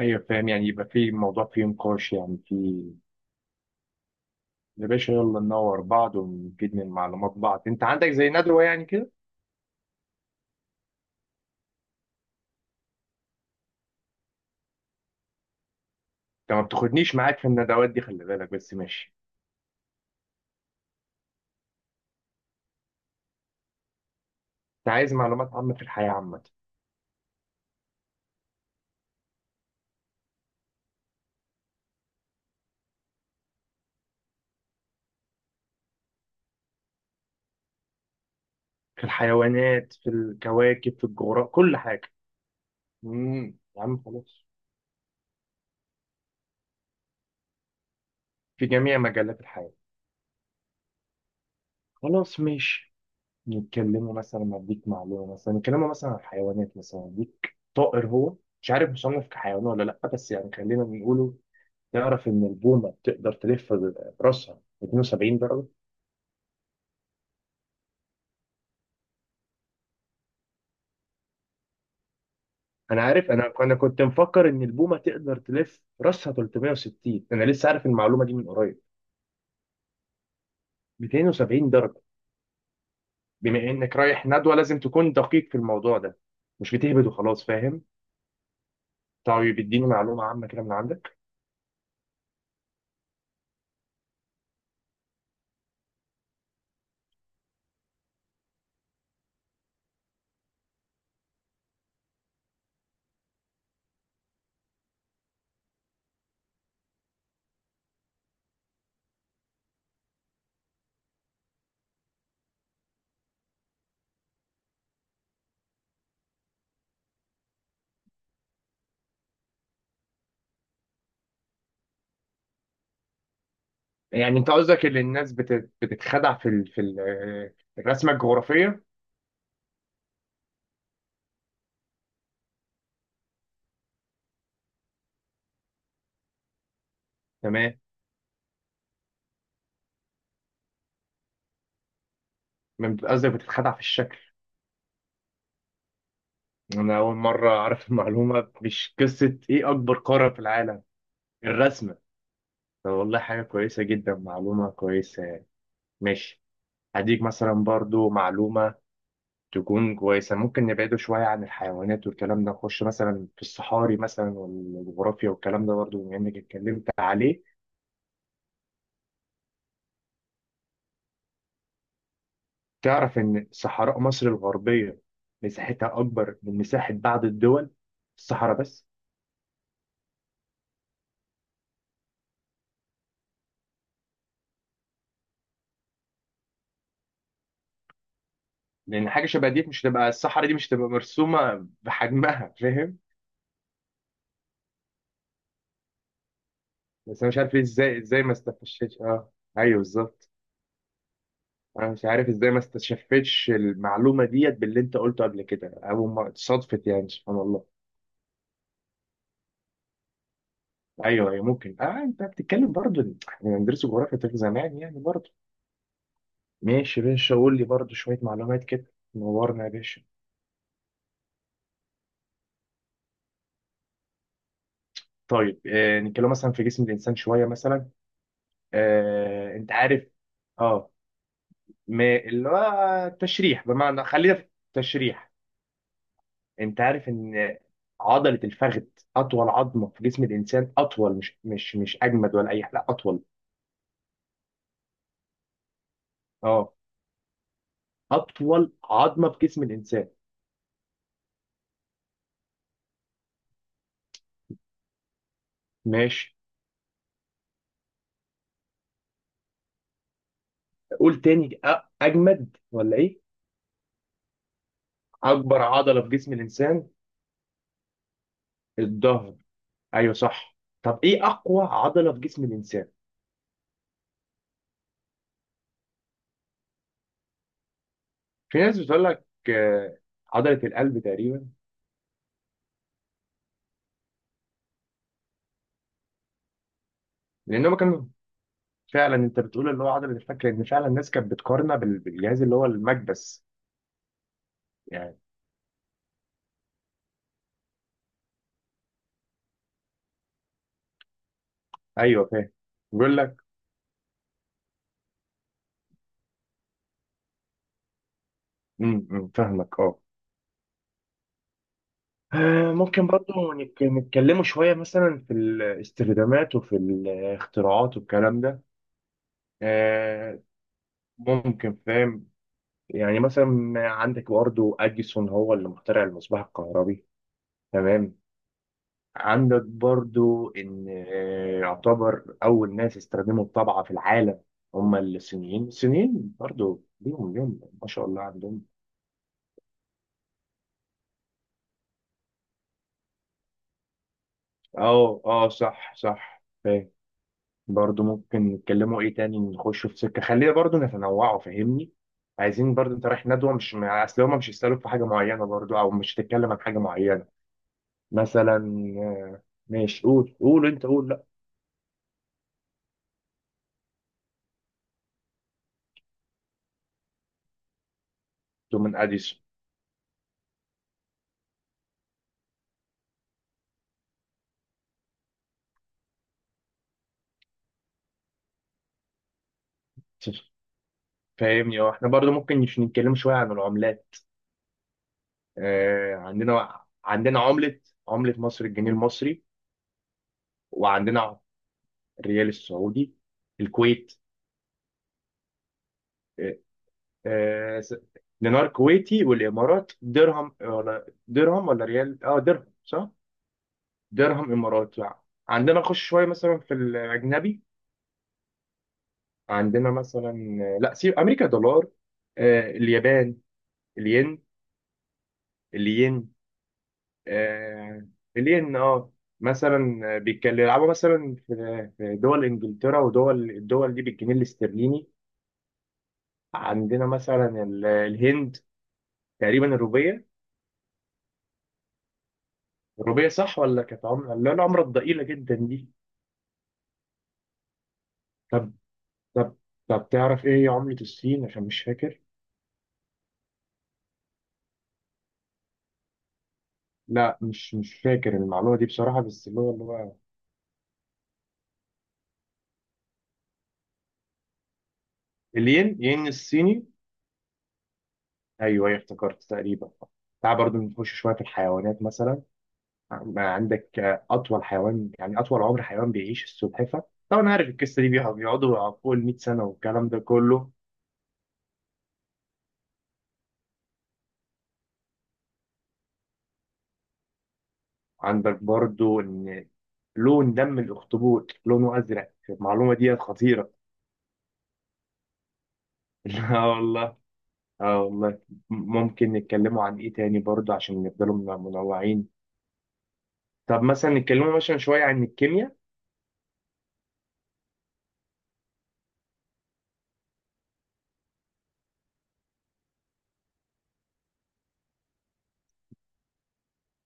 ايوه، فاهم. يعني يبقى في الموضوع فيه نقاش، يعني في. يا باشا يلا ننور بعض ونفيد من معلومات بعض، انت عندك زي ندوه يعني كده؟ انت ما بتاخدنيش معاك في الندوات دي، خلي بالك، بس ماشي. انت عايز معلومات عامه في الحياه عامه؟ في الحيوانات، في الكواكب، في الجغرافيا، كل حاجه. يا عم خلاص. في جميع مجالات الحياه. خلاص ماشي. نتكلموا مثلا، اديك معلومه، مثلا نتكلموا مثلا عن الحيوانات، مثلا اديك طائر، هو مش عارف مصنف كحيوان ولا لا، بس يعني خلينا نقوله. تعرف إن البومة تقدر تلف راسها 72 درجة؟ أنا عارف. أنا أنا كنت مفكر إن البومة تقدر تلف راسها 360، أنا لسه عارف المعلومة دي من قريب. 270 درجة. بما إنك رايح ندوة لازم تكون دقيق في الموضوع ده، مش بتهبد وخلاص، فاهم. طيب اديني معلومة عامة كده من عندك. يعني أنت قصدك إن الناس بتتخدع في الرسمة الجغرافية. تمام. قصدك بتتخدع في الشكل. أنا أول مرة أعرف المعلومة، مش قصة إيه أكبر قارة في العالم، الرسمة. طب والله حاجة كويسة جدا، معلومة كويسة. ماشي. هديك مثلا برضو معلومة تكون كويسة. ممكن نبعده شوية عن الحيوانات والكلام ده، نخش مثلا في الصحاري مثلا والجغرافيا والكلام ده برضو، بما إنك اتكلمت عليه. تعرف إن صحراء مصر الغربية مساحتها أكبر من مساحة بعض الدول، في الصحراء بس. لأن حاجة شبه دي، مش تبقى الصحراء دي مش تبقى مرسومة بحجمها، فاهم. بس أنا مش عارف إيه، إزاي ما استفشتش أيوه بالظبط. انا مش عارف ازاي ما استشفتش المعلومه ديت باللي انت قلته قبل كده او ما اتصادفت، يعني سبحان الله. ايوه ايوه ممكن اه. انت بتتكلم برضو، احنا بندرس جغرافيا في زمان يعني برضو. ماشي يا باشا، قول لي برضو شويه معلومات كده، نورنا يا باشا. طيب آه، نتكلم مثلا في جسم الانسان شويه مثلا. آه، انت عارف. اه، ما اللي هو التشريح، بمعنى خلينا في التشريح. انت عارف ان عضله الفخذ اطول عظمه في جسم الانسان، اطول، مش اجمد ولا اي حاجه، لا اطول. اه، اطول عظمه في جسم الانسان. ماشي. قول تاني، اجمد ولا ايه؟ اكبر عضله في جسم الانسان؟ الظهر. ايوه صح. طب ايه اقوى عضله في جسم الانسان؟ في ناس بتقول لك آه، عضله القلب تقريبا. لان هو كان فعلا، انت بتقول اللي هو عضله الفك، لان فعلا الناس كانت بتقارنها بالجهاز اللي هو المكبس يعني. ايوه فاهم. بيقول لك أمم، فاهمك اه. آه، ممكن برضو نتكلموا شوية مثلا في الاستخدامات وفي الاختراعات والكلام ده. آه، ممكن فاهم. يعني مثلا عندك برضو أديسون هو اللي مخترع المصباح الكهربي. تمام. عندك برضو إن آه، يعتبر أول ناس استخدموا الطبعة في العالم هم الصينيين. الصينيين برضو ليهم ليهم ما شاء الله عندهم. اه اه صح صح فاهم. برضو ممكن نتكلموا ايه تاني، نخشوا في سكه، خلينا برضو نتنوعوا فاهمني. عايزين برضو، انت رايح ندوه، مش اصل هما مش يسالوك في حاجه معينه برضو، او مش هتتكلم عن حاجه معينه مثلا. آه، ماشي. قول انت قول، لا تو من اديسون. فاهمني اه. احنا برضو ممكن نتكلم شويه عن العملات. آه، عندنا، عمله مصر الجنيه المصري. وعندنا الريال السعودي. الكويت، آه، دينار كويتي. والامارات درهم ولا درهم ولا ريال، اه درهم صح. درهم اماراتي يعني. عندنا نخش شويه مثلا في الاجنبي. عندنا مثلا آه، لا سيب امريكا دولار. آه، اليابان الين. الين. آه، الين اه. مثلا آه، بيتكلم يلعبوا مثلا في دول انجلترا ودول الدول دي بالجنيه الاسترليني. عندنا مثلا الهند، تقريبا الروبيه. الروبيه صح ولا كانت عمله اللي هي العمله الضئيله جدا دي؟ طب طب طب، تعرف ايه هي عملة الصين عشان مش فاكر؟ لا مش فاكر المعلومة دي بصراحة، بس اللي هو الين، ين الصيني. ايوه ايوه افتكرت تقريبا. تعال برضه نخش شوية في الحيوانات مثلا. ما عندك آه، أطول حيوان يعني أطول عمر حيوان بيعيش السلحفة، طبعا عارف القصة دي، بيقعدوا فوق ال 100 سنة والكلام ده كله. عندك برضه إن لون دم الأخطبوط لونه أزرق، المعلومة دي خطيرة. لا والله. اه والله. ممكن نتكلموا عن ايه تاني برضه عشان نفضلوا منوعين. طب مثلا نتكلموا مثلا شوية عن الكيمياء.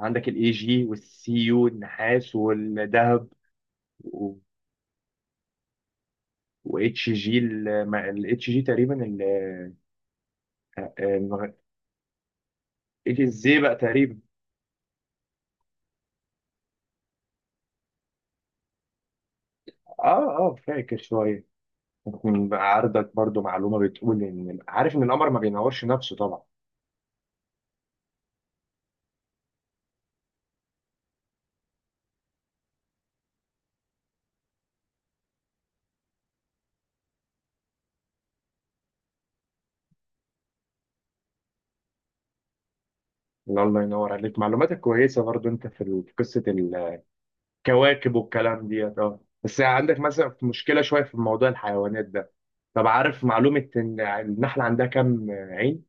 عندك الاي جي والسي يو، النحاس والذهب. واتش جي، الاتش جي تقريبا الزي بقى تقريبا. اه اه فاكر شوية. ممكن بقى عرضك برضه معلومة بتقول، ان عارف ان القمر ما بينورش نفسه طبعا. لا، الله ينور عليك، معلوماتك كويسة برضه. انت في في قصة كواكب والكلام ديت اه، بس عندك مثلا في مشكله شويه في موضوع الحيوانات ده. طب عارف معلومه ان النحله عندها كام عين؟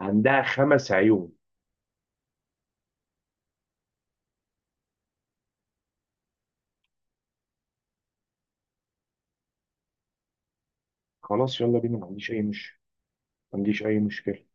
عندها خمس عيون. خلاص يلا بينا، ما عنديش اي مشكله.